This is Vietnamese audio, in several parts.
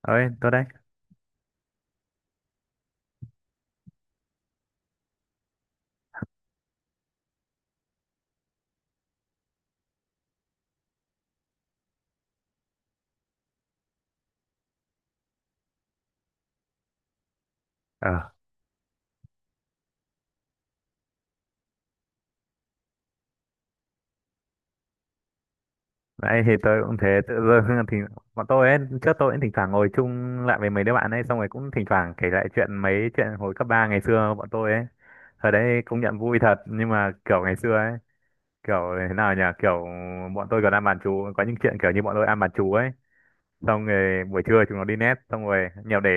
Ơi tôi đấy. ờ Nãy thì tôi cũng thế, tự dưng thì bọn tôi ấy, trước tôi cũng thỉnh thoảng ngồi chung lại với mấy đứa bạn ấy, xong rồi cũng thỉnh thoảng kể lại chuyện, mấy chuyện hồi cấp ba ngày xưa bọn tôi ấy. Thời đấy công nhận vui thật, nhưng mà kiểu ngày xưa ấy kiểu thế nào nhỉ, kiểu bọn tôi còn ăn bàn chú, có những chuyện kiểu như bọn tôi ăn bàn chú ấy, xong rồi buổi trưa chúng nó đi net, xong rồi nhiều để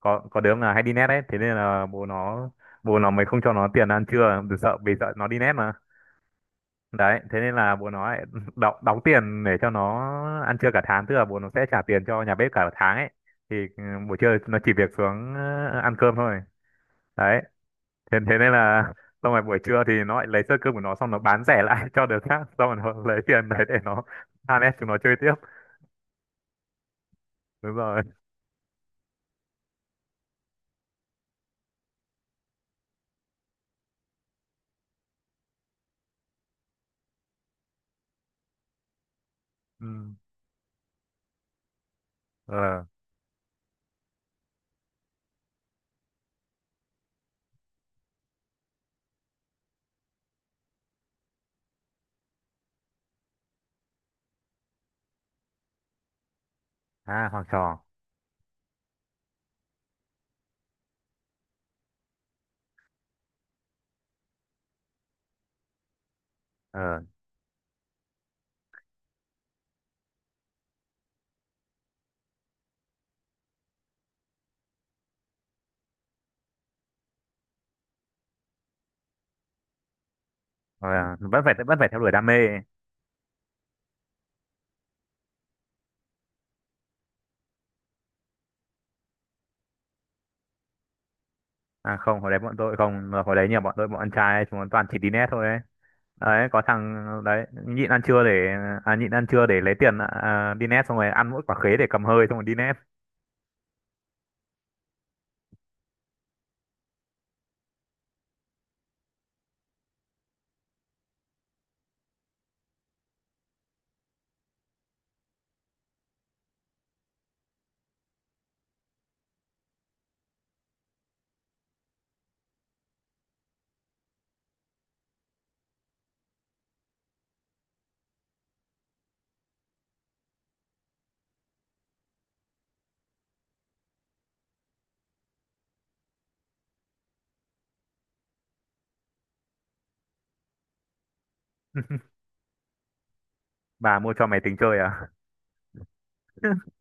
có đứa là hay đi net ấy, thế nên là bố nó mới không cho nó tiền ăn trưa, vì sợ nó đi net. Đấy thế nên là bố nó lại đóng tiền để cho nó ăn trưa cả tháng, tức là bố nó sẽ trả tiền cho nhà bếp cả tháng ấy thì buổi trưa nó chỉ việc xuống ăn cơm thôi. Đấy thế nên là xong rồi buổi trưa thì nó lại lấy sơ cơm của nó, xong nó bán rẻ lại cho đứa khác, xong rồi nó lấy tiền đấy để nó than ép chúng nó chơi tiếp. Đúng rồi. Ừ. ờ À, học trò. ờ Rồi à, vẫn phải theo đuổi đam mê. À không, hồi đấy bọn tôi không, hồi đấy nhiều bọn tôi bọn ăn trai ấy, chúng nó toàn chỉ đi net thôi ấy. Đấy, có thằng đấy nhịn ăn trưa để nhịn ăn trưa để lấy tiền đi net, xong rồi ăn mỗi quả khế để cầm hơi, xong rồi đi net. Bà mua cho mày tính chơi à?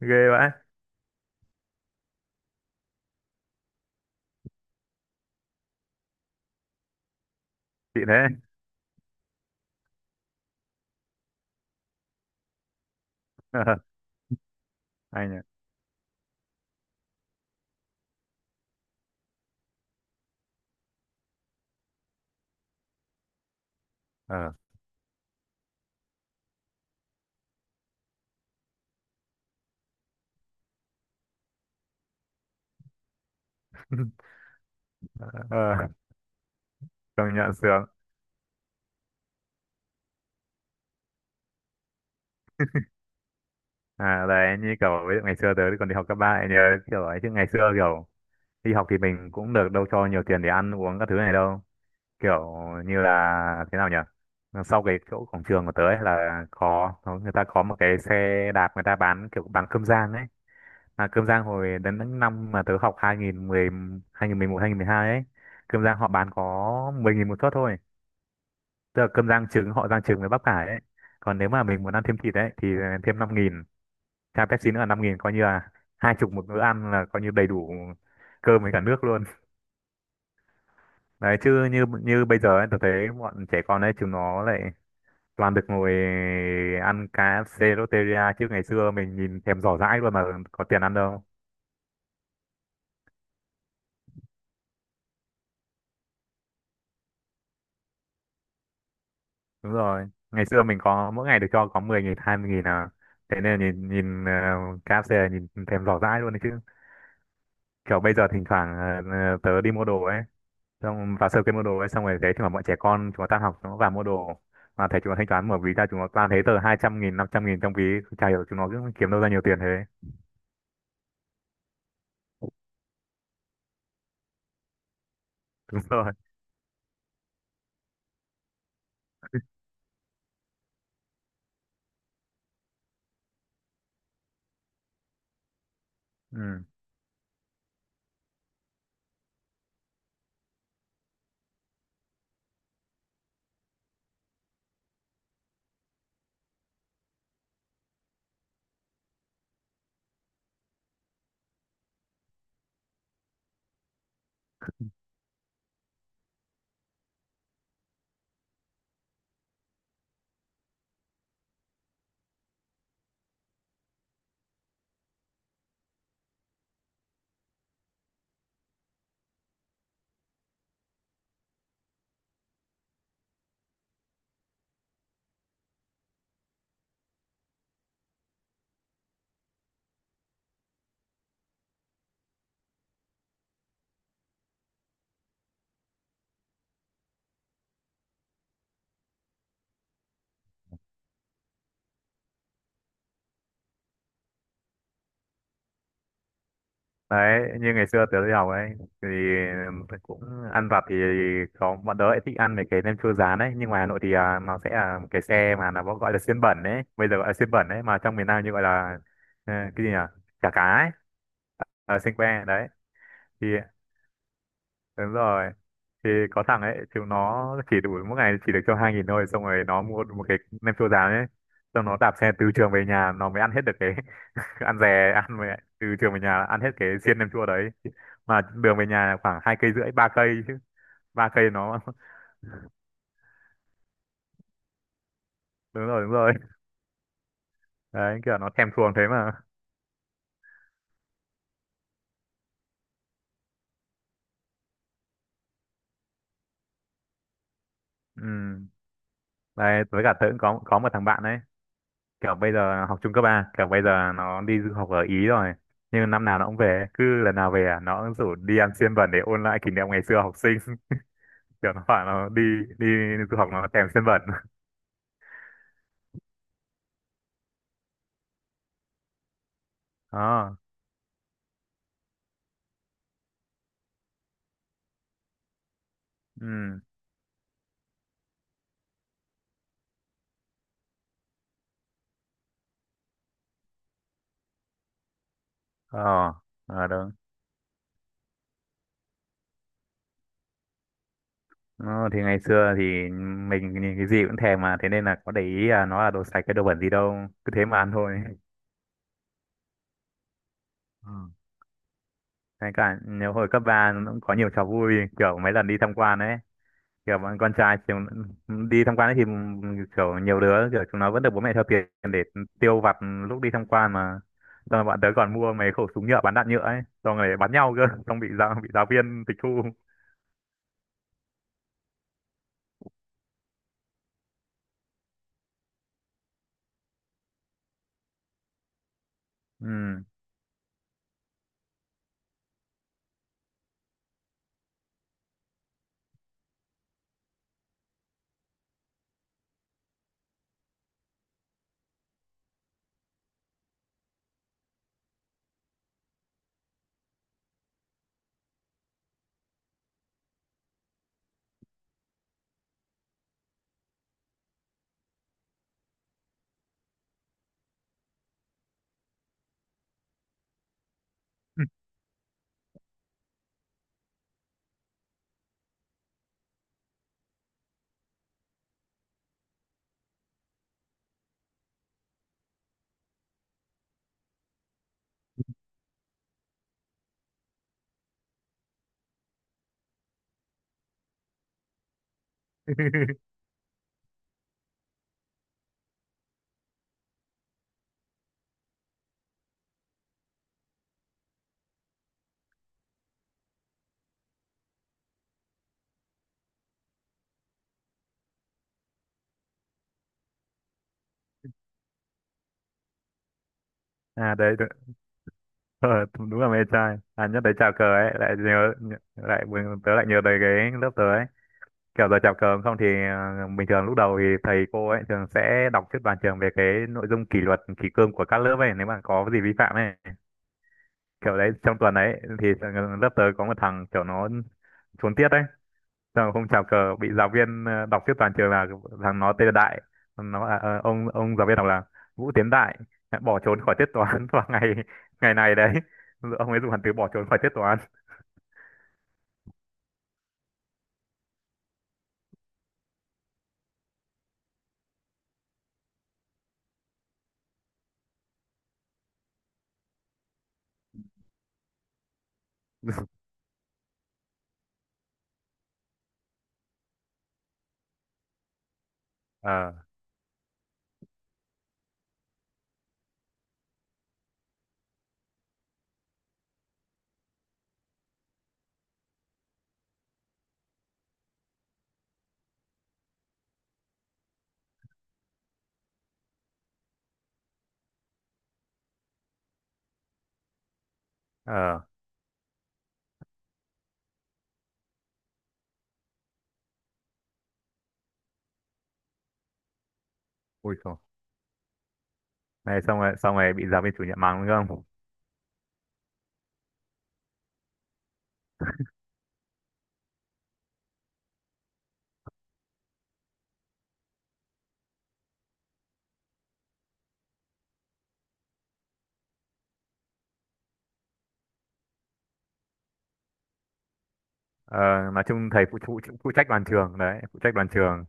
Ghê vậy. Chị thế. Anh ạ. Ờ. Ờ, công nhận sướng. À đấy, như kiểu ví dụ ngày xưa tớ còn đi học cấp ba ấy, nhớ kiểu ấy, chứ ngày xưa kiểu đi học thì mình cũng được đâu cho nhiều tiền để ăn uống các thứ này đâu, kiểu như là thế nào nhỉ, sau cái chỗ cổng trường của tớ ấy là người ta có một cái xe đạp, người ta bán kiểu bán cơm rang ấy, mà cơm rang hồi đến những năm mà tớ học 2010 2011 2012 ấy, cơm rang họ bán có 10 nghìn một suất thôi, tức là cơm rang trứng, họ rang trứng với bắp cải ấy, còn nếu mà mình muốn ăn thêm thịt ấy thì thêm 5 nghìn, chai Pepsi nữa là 5 nghìn, coi như là hai chục một bữa ăn là coi như đầy đủ cơm với cả nước luôn. Đấy chứ như như bây giờ ấy, tớ thấy bọn trẻ con ấy chúng nó lại toàn được ngồi ăn cá KFC Lotteria, chứ ngày xưa mình nhìn thèm giỏ dãi luôn mà có tiền ăn đâu. Đúng rồi, ngày xưa mình có mỗi ngày được cho có 10 nghìn 20 nghìn à, thế nên nhìn nhìn KFC là nhìn thèm giỏ dãi luôn đấy chứ. Kiểu bây giờ thỉnh thoảng tớ đi mua đồ ấy, xong vào sơ kia mua đồ ấy, xong rồi thấy thì mà bọn trẻ con chúng nó tan học, chúng nó vào mua đồ, mà thấy chúng nó thanh toán mở ví ra, chúng nó toàn thấy tờ 200 nghìn 500 nghìn trong ví, chả hiểu chúng nó cứ kiếm đâu ra nhiều tiền thế. Đúng rồi. Ừ. Đấy, như ngày xưa tớ đi học ấy thì cũng ăn vặt thì có, bọn tớ lại thích ăn mấy cái nem chua rán ấy, nhưng ngoài Hà Nội thì à, nó sẽ là cái xe mà nó gọi là xiên bẩn ấy, bây giờ gọi là xiên bẩn ấy, mà trong miền Nam như gọi là cái gì nhỉ, chả cá ấy, ở xiên que đấy thì đúng rồi. Thì có thằng ấy chúng nó chỉ đủ mỗi ngày chỉ được cho 2 nghìn thôi, xong rồi nó mua được một cái nem chua rán ấy, xong nó đạp xe từ trường về nhà nó mới ăn hết được cái, cứ ăn dè ăn, về từ trường về nhà ăn hết cái xiên nem chua đấy, mà đường về nhà là khoảng hai cây rưỡi ba cây chứ, ba cây nó đúng rồi đúng rồi. Đấy kiểu nó thèm thuồng thế mà. Ừ. Đấy với cả tớ cũng có một thằng bạn đấy, kiểu bây giờ học trung cấp ba, kiểu bây giờ nó đi du học ở Ý rồi, nhưng năm nào nó cũng về, cứ lần nào về à, nó cũng rủ đi ăn xiên bẩn để ôn lại kỷ niệm ngày xưa học sinh. Kiểu nó bảo nó đi đi du học nó thèm xiên bẩn. Đó. Ừ. ờ à, Ờ, thì ngày xưa thì mình nhìn cái gì cũng thèm, mà thế nên là có để ý là nó là đồ sạch cái đồ bẩn gì đâu, cứ thế mà ăn thôi. Ừ. Ngay cả nhiều hồi cấp 3 nó cũng có nhiều trò vui, kiểu mấy lần đi tham quan ấy, kiểu bọn con trai kiểu, đi tham quan ấy thì kiểu nhiều đứa kiểu chúng nó vẫn được bố mẹ cho tiền để tiêu vặt lúc đi tham quan mà, xong rồi bọn tớ còn mua mấy khẩu súng nhựa bắn đạn nhựa ấy, xong rồi bắn nhau cơ, xong bị giáo viên tịch thu. Ừ. À đấy. Ờ, đúng là mê trai, à nhắc tới chào cờ ấy lại nhớ, lại tớ lại nhớ tới cái lớp tớ ấy, kiểu giờ chào cờ không thì bình thường lúc đầu thì thầy cô ấy thường sẽ đọc trước toàn trường về cái nội dung kỷ luật kỷ cương của các lớp ấy, nếu mà có gì vi phạm ấy, kiểu đấy trong tuần ấy thì lớp tớ có một thằng kiểu nó trốn tiết ấy. Sao không chào cờ, bị giáo viên đọc trước toàn trường là thằng nó tên là Đại, nó bảo là ông giáo viên đọc là Vũ Tiến Đại đã bỏ trốn khỏi tiết toán vào ngày ngày này đấy, ông ấy dùng hẳn từ bỏ trốn khỏi tiết toán. ờ ờ Ui xong này, xong rồi bị giáo viên chủ nhiệm mắng đúng không? ờ, nói chung thầy phụ, phụ phụ trách đoàn trường, đấy phụ trách đoàn trường.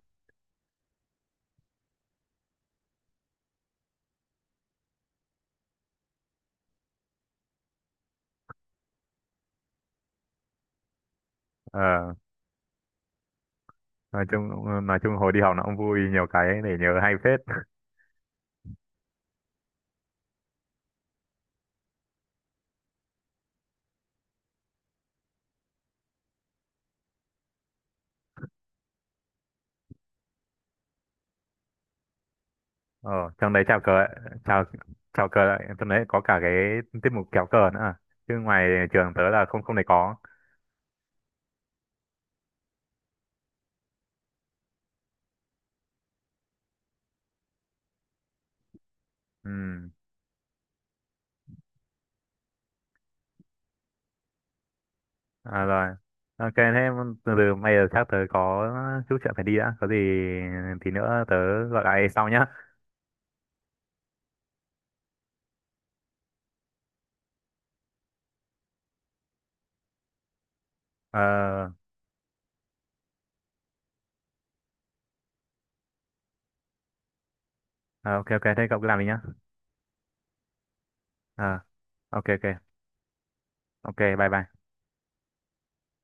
ờ, nói chung nói chung hồi đi học nó cũng vui, nhiều cái để nhớ hay phết. Ờ, trong đấy chào cờ, chào chào cờ lại, trong đấy có cả cái tiết mục kéo cờ nữa à. Chứ ngoài trường tớ là không không thể có. Ừ, à, rồi. Ok, thế từ từ bây giờ chắc tớ có chút chuyện phải đi đã. Có gì thì nữa tớ gọi lại sau nhá. Ờ, ờ, ok ok, thế cậu cứ làm đi nhá. Ờ, ok ok, ok, bye bye.